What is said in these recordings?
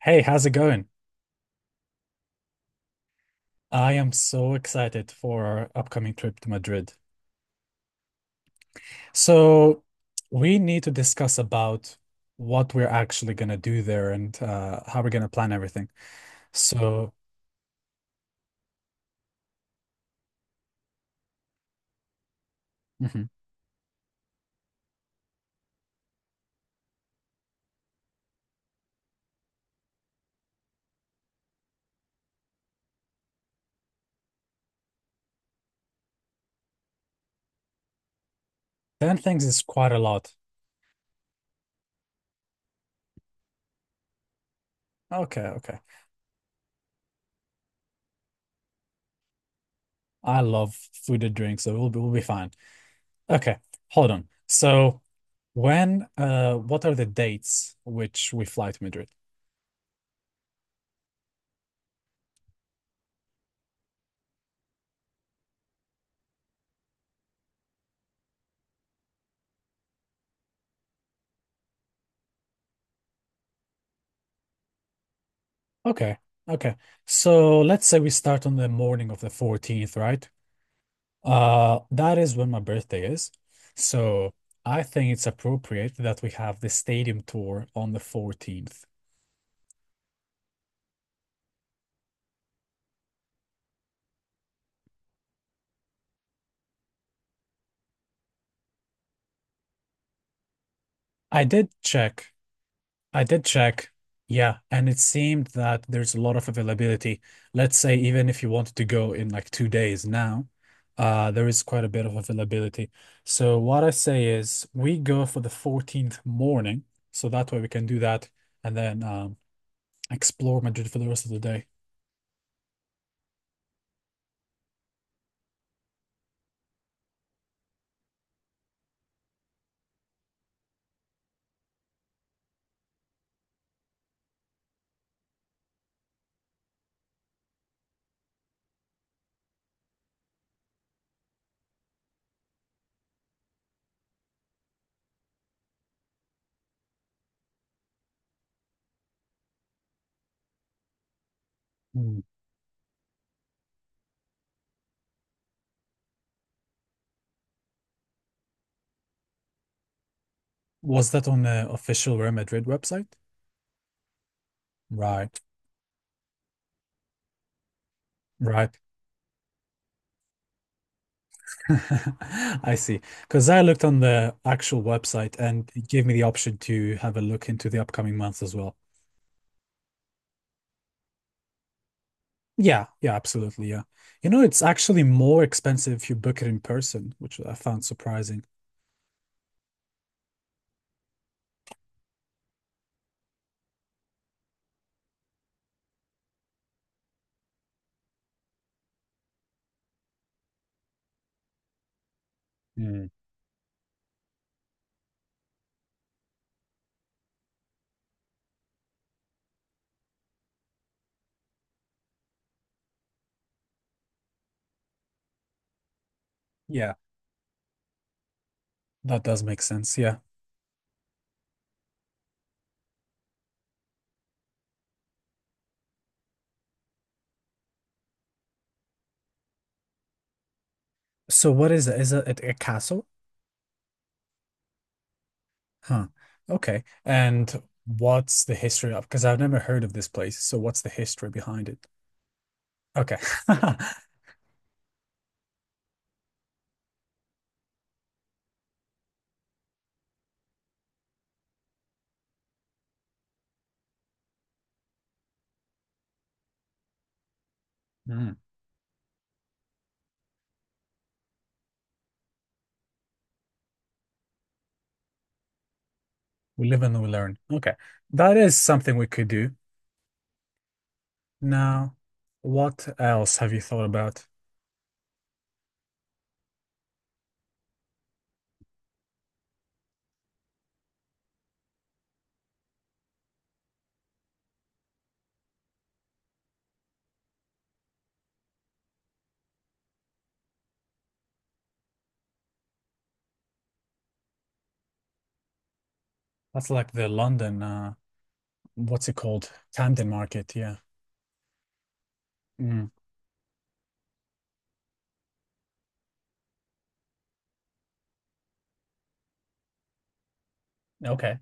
Hey, how's it going? I am so excited for our upcoming trip to Madrid. So, we need to discuss about what we're actually going to do there and how we're going to plan everything. So, mhm. 10 things is quite a lot. Okay, okay. I love food and drinks, so we'll be fine. Okay, hold on. So, what are the dates which we fly to Madrid? Okay, okay. So, let's say we start on the morning of the 14th, right? That is when my birthday is. So I think it's appropriate that we have the stadium tour on the 14th. I did check. I did check. Yeah, and it seemed that there's a lot of availability. Let's say even if you wanted to go in like 2 days now, there is quite a bit of availability. So what I say is we go for the 14th morning, so that way we can do that and then explore Madrid for the rest of the day. Hmm. Was that on the official Real Madrid website? Right, right. I see. Because I looked on the actual website and it gave me the option to have a look into the upcoming months as well. Yeah, yeah, absolutely. Yeah. You know, it's actually more expensive if you book it in person, which I found surprising. Mm. Yeah, that does make sense. Yeah. So what is it? Is it a castle? Huh. Okay. And what's the history of? Because I've never heard of this place. So what's the history behind it? Okay. Mm. We live and we learn. Okay. That is something we could do. Now, what else have you thought about? That's like the London, what's it called? Camden Market, yeah. Mm, okay.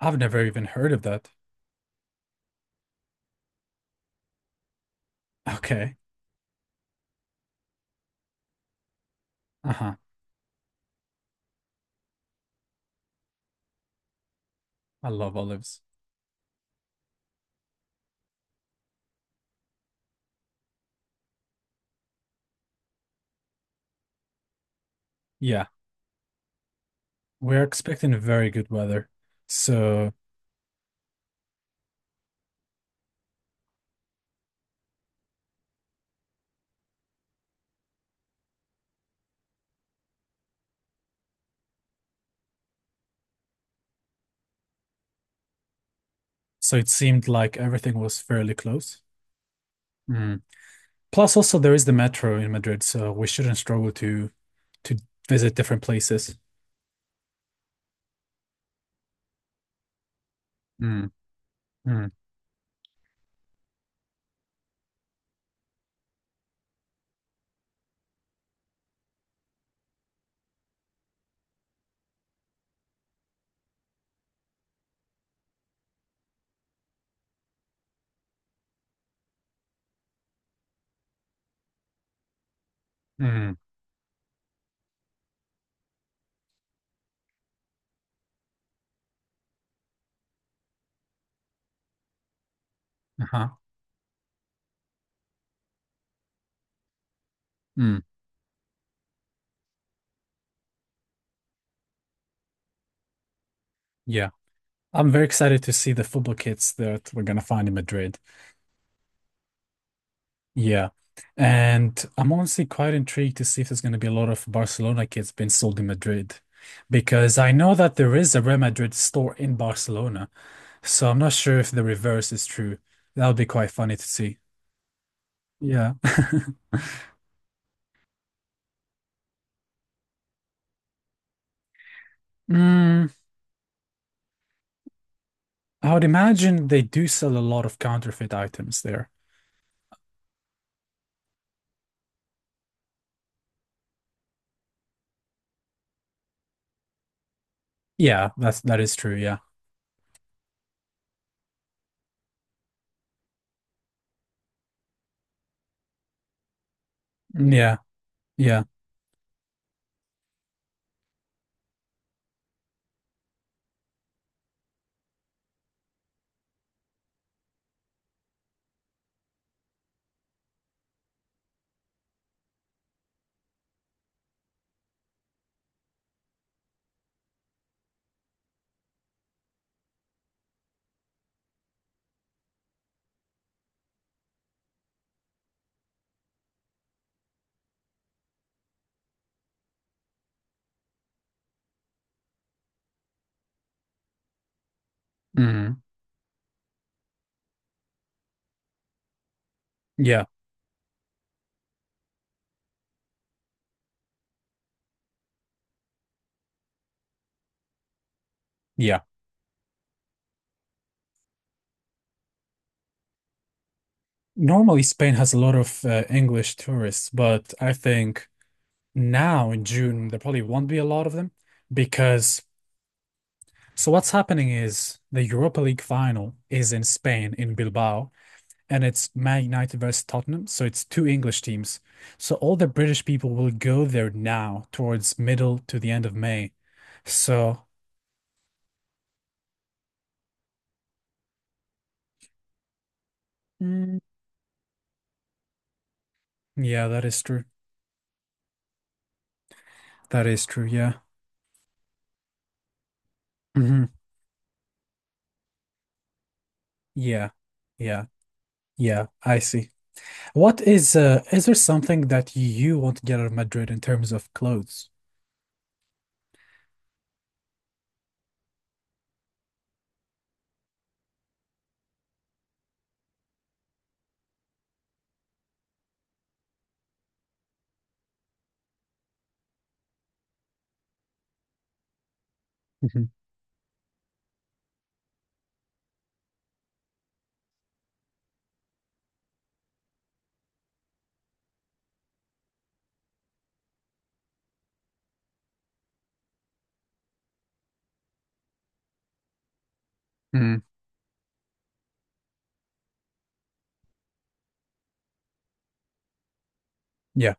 I've never even heard of that. Okay. Uh-huh. I love olives. Yeah. We're expecting very good weather. So so it seemed like everything was fairly close. Mm. Plus also there is the metro in Madrid, so we shouldn't struggle to visit different places. Mm, mm, mm, uh-huh. Mm. Yeah. I'm very excited to see the football kits that we're gonna find in Madrid. Yeah. And I'm honestly quite intrigued to see if there's gonna be a lot of Barcelona kits being sold in Madrid. Because I know that there is a Real Madrid store in Barcelona, so I'm not sure if the reverse is true. That would be quite funny to see. Yeah. Mm, I would imagine they do sell a lot of counterfeit items there. Yeah, that is true. Yeah. Mm, yeah. Yeah. Mm, yeah. Yeah. Normally, Spain has a lot of English tourists, but I think now in June there probably won't be a lot of them because what's happening is the Europa League final is in Spain in Bilbao and it's Man United versus Tottenham, so it's two English teams. So all the British people will go there now towards middle to the end of May. So mm, yeah, that is true. That is true. Yeah. Hmm. Yeah. Yeah. Yeah. I see. What is there something that you want to get out of Madrid in terms of clothes? Mhm. Mm, yeah.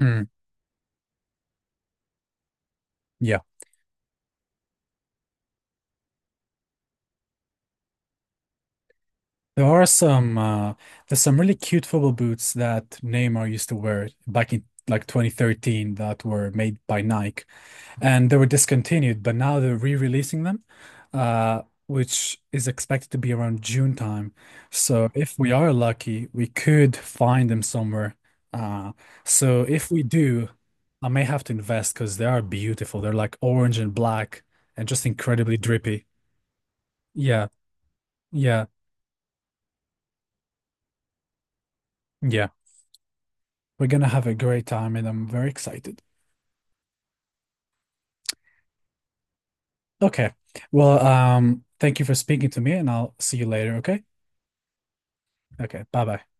Mm, yeah. There are some there's some really cute football boots that Neymar used to wear back in like 2013 that were made by Nike. And they were discontinued, but now they're re-releasing them, uh, which is expected to be around June time. So if we are lucky, we could find them somewhere. Uh, so if we do, I may have to invest because they are beautiful. They're like orange and black and just incredibly drippy. Yeah, yeah, yeah. We're gonna have a great time, and I'm very excited. Okay. Well, thank you for speaking to me, and I'll see you later, okay? Okay, bye bye.